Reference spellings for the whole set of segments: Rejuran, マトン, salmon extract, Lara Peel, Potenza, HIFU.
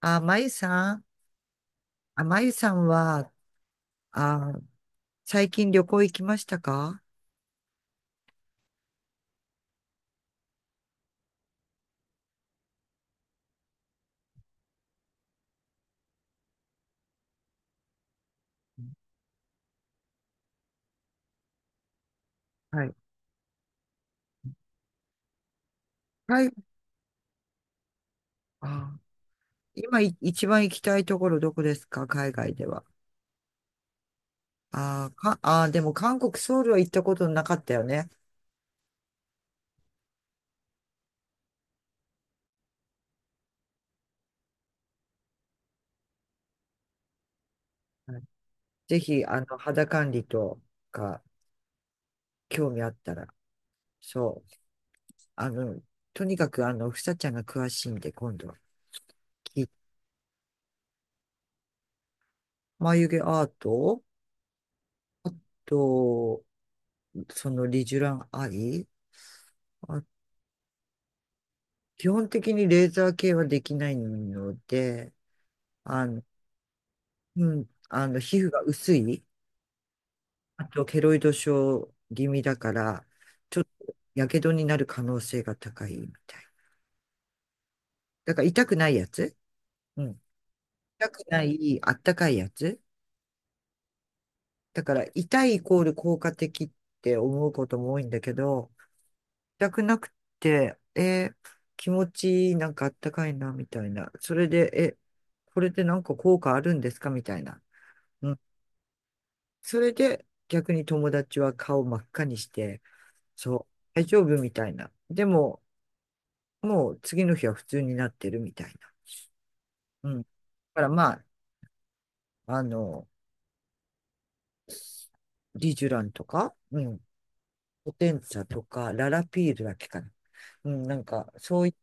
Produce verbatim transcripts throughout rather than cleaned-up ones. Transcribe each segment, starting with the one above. あ、まゆさん、あ、まゆさんは、あ、最近旅行行きましたか？はい。はい。あ、今い一番行きたいところどこですか、海外では？あ、か、あ、でも韓国、ソウルは行ったことなかったよね。はい。ぜひ、あの、肌管理とか、興味あったら。そう。あの、とにかく、あの、ふさちゃんが詳しいんで、今度は聞い、眉毛アートと、そのリジュランアイ。あ基本的にレーザー系はできないので、あの、うん、あの、皮膚が薄い、あとケロイド症気味だから、ちょっとやけどになる可能性が高いみたい。だから痛くないやつ。うん。痛くない、あったかいやつ。だから痛いイコール効果的って思うことも多いんだけど、全くなくて、えー気持ちいい、なんかあったかいな、みたいな。それで、え、これでなんか効果あるんですかみたいな。うん。それで、逆に友達は顔真っ赤にして、そう、大丈夫みたいな。でも、もう次の日は普通になってるみたいな。うん。だからまあ、あの、リジュランとか、うん、ポテンツァとか、ララピールだっけかな。うん、なんか、そうい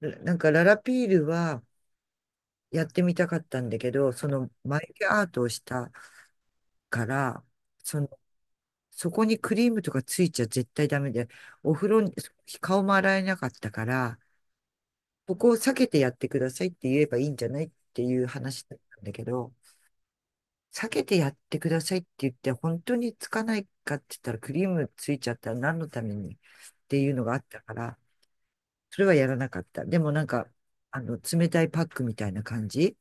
なんかララピールは、やってみたかったんだけど、その眉毛アートをしたから、その、そこにクリームとかついちゃ絶対ダメで、お風呂に、顔も洗えなかったから、ここを避けてやってくださいって言えばいいんじゃないっていう話だったんだけど、避けてやってくださいって言って、本当につかないかって言ったらクリームついちゃったら何のためにっていうのがあったから、それはやらなかった。でもなんか、あの、冷たいパックみたいな感じ、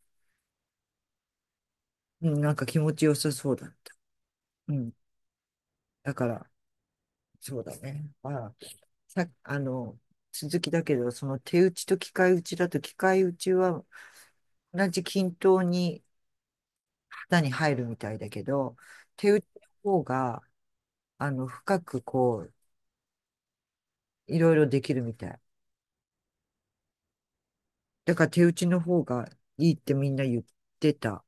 うん、なんか気持ちよさそうだった。うん。だから、そうだね。ああ、さ、あの、続きだけど、その手打ちと機械打ちだと、機械打ちは同じ均等に型に入るみたいだけど、手打ちの方が、あの、深く、こう、いろいろできるみたい。だから手打ちの方がいいってみんな言ってた。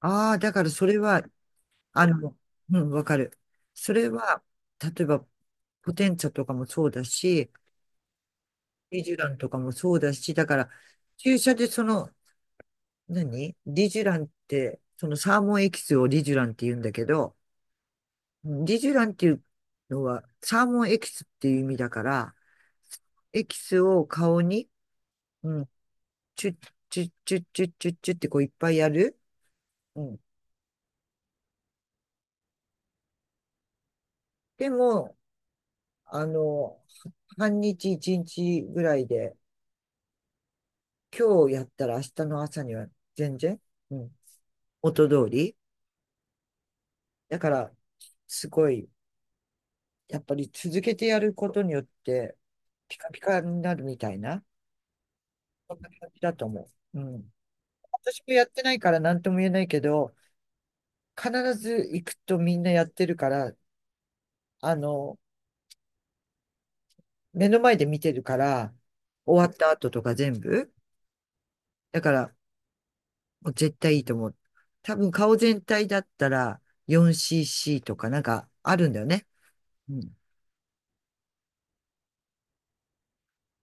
ああー、だからそれは、あの、うん、わかる。それは、例えば、ポテンツァとかもそうだし、イジュランとかもそうだし、だから、注射でその何リジュランって、そのサーモンエキスをリジュランって言うんだけど、うん。リジュランっていうのはサーモンエキスっていう意味だから、エキスを顔に、うん、チュッチュッチュッチュッチュッチュッってこういっぱいやる。うん。でも、あの、半日一日ぐらいで、今日やったら明日の朝には全然、うん、元通り。だから、すごいやっぱり続けてやることによって、ピカピカになるみたいな、そんな感じだと思う。うん。私もやってないから何とも言えないけど、必ず行くとみんなやってるから、あの、目の前で見てるから、終わった後とか全部。だから、もう絶対いいと思う。多分顔全体だったら よんしーしー とかなんかあるんだよね。うん。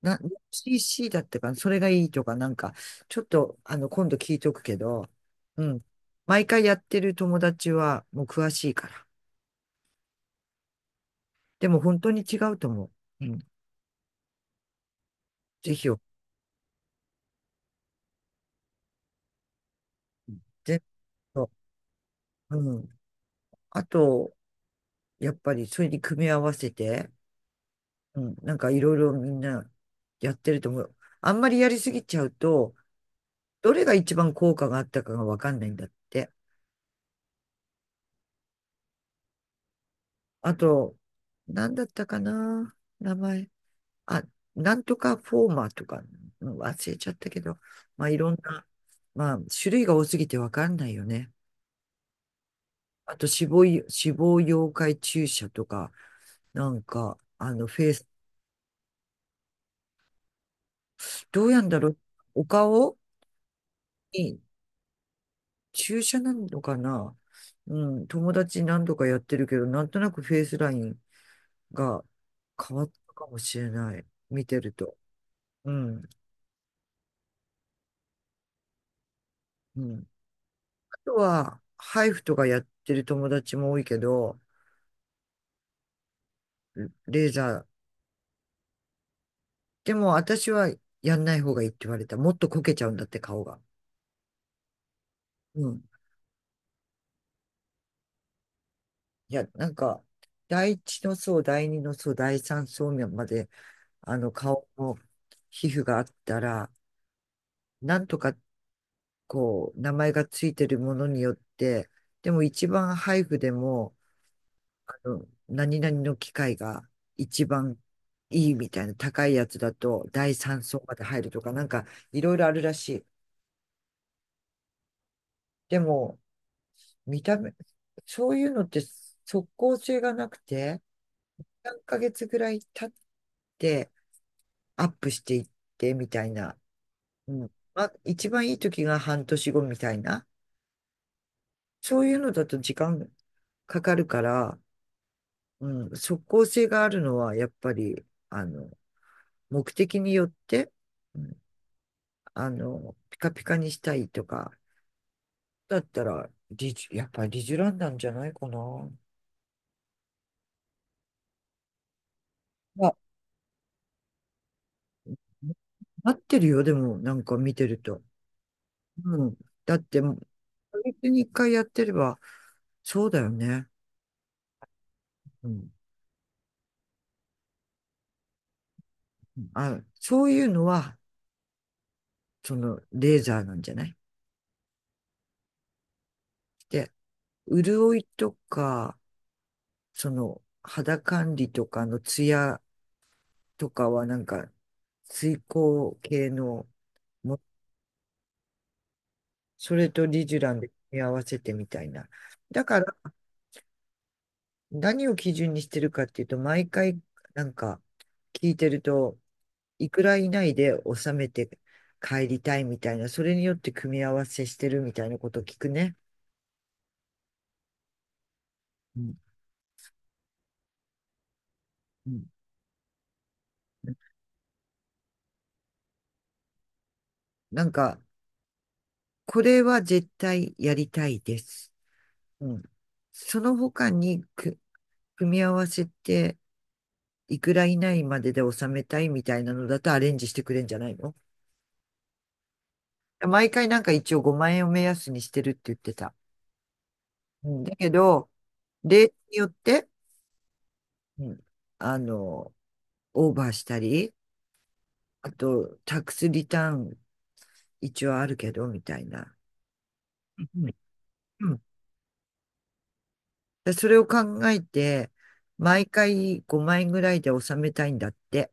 な、シーシー だったかな、それがいいとか、なんか、ちょっと、あの、今度聞いとくけど、うん。毎回やってる友達は、もう詳しいから。でも本当に違うと思う。うん。ぜひよ、ぜひよ、うん。あと、やっぱり、それに組み合わせて、うん。なんか、いろいろみんな、やってると思う。あんまりやりすぎちゃうと、どれが一番効果があったかがわかんないんだって。あと、なんだったかな、名前。あ、なんとかフォーマーとか、うん、忘れちゃったけど、まあいろんな、まあ種類が多すぎてわかんないよね。あと死亡い、死亡溶解注射とか、なんか、あのフェイス、どうやんだろう、お顔に注射なのかな？うん、友達何度かやってるけど、なんとなくフェイスラインが変わったかもしれない。見てると。うん、うん。あとは、ハイフとかやってる友達も多いけど、レーザー。でも私はやんない方がいいって言われた。もっとこけちゃうんだって顔が。うん。いや、なんか、第一の層、第二の層、第三層まで、あの、顔の皮膚があったら、なんとか、こう、名前がついてるものによって、でも一番配布でも、あの、何々の機械が一番いいみたいな高いやつだと、第三層まで入るとか、なんか、いろいろあるらしい。でも、見た目、そういうのって即効性がなくて、さんかげつぐらい経ってアップしていってみたいな。うん。まあ、一番いい時が半年後みたいな。そういうのだと時間かかるから、うん、即効性があるのはやっぱり、あの、目的によって、うん、あの、ピカピカにしたいとか、だったら、リジ、やっぱりリジュランなんじゃないかな。まあ、なってるよ、でも、なんか見てると。うん。だって、月に一回やってれば、そうだよね。うん。あ、そういうのは、その、レーザーなんじゃない？で、潤いとか、その、肌管理とかのツヤとかは、なんか、水光系のも、それとリジュランで組み合わせてみたいな。だから、何を基準にしてるかっていうと、毎回、なんか、聞いてると、いくら以内で収めて帰りたいみたいな、それによって組み合わせしてるみたいなことを聞くね。うん、うん、なんか、これは絶対やりたいです。うん、その他にく組み合わせて、いくら以内までで収めたいみたいなのだとアレンジしてくれんじゃないの？毎回なんか一応ごまん円を目安にしてるって言ってた。うん、だけど、例によって、うん、あの、オーバーしたり、あと、タックスリターン一応あるけど、みたいな。うん、うん、それを考えて、毎回ごえんぐらいで収めたいんだって。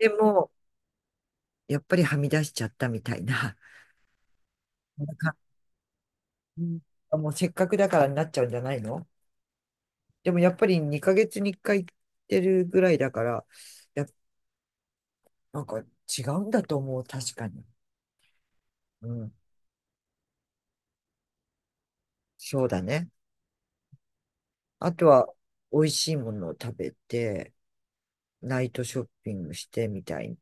でも、やっぱりはみ出しちゃったみたいな。なんか、うん、もうせっかくだからになっちゃうんじゃないの？でもやっぱりにかげつにいっかい行ってるぐらいだから、やっぱなんか違うんだと思う、確かに。うん、そうだね。あとは、美味しいものを食べて、ナイトショッピングしてみたい。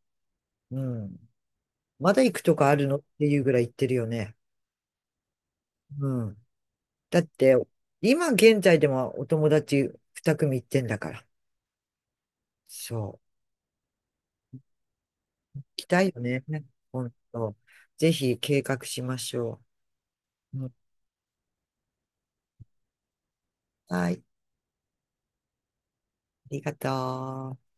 うん、まだ行くとかあるのっていうぐらい行ってるよね。うん。だって、今現在でもお友達に組行ってんだから。そう。行きたいよね。本当。ぜひ計画しましょう。うん、はい。ありがとう。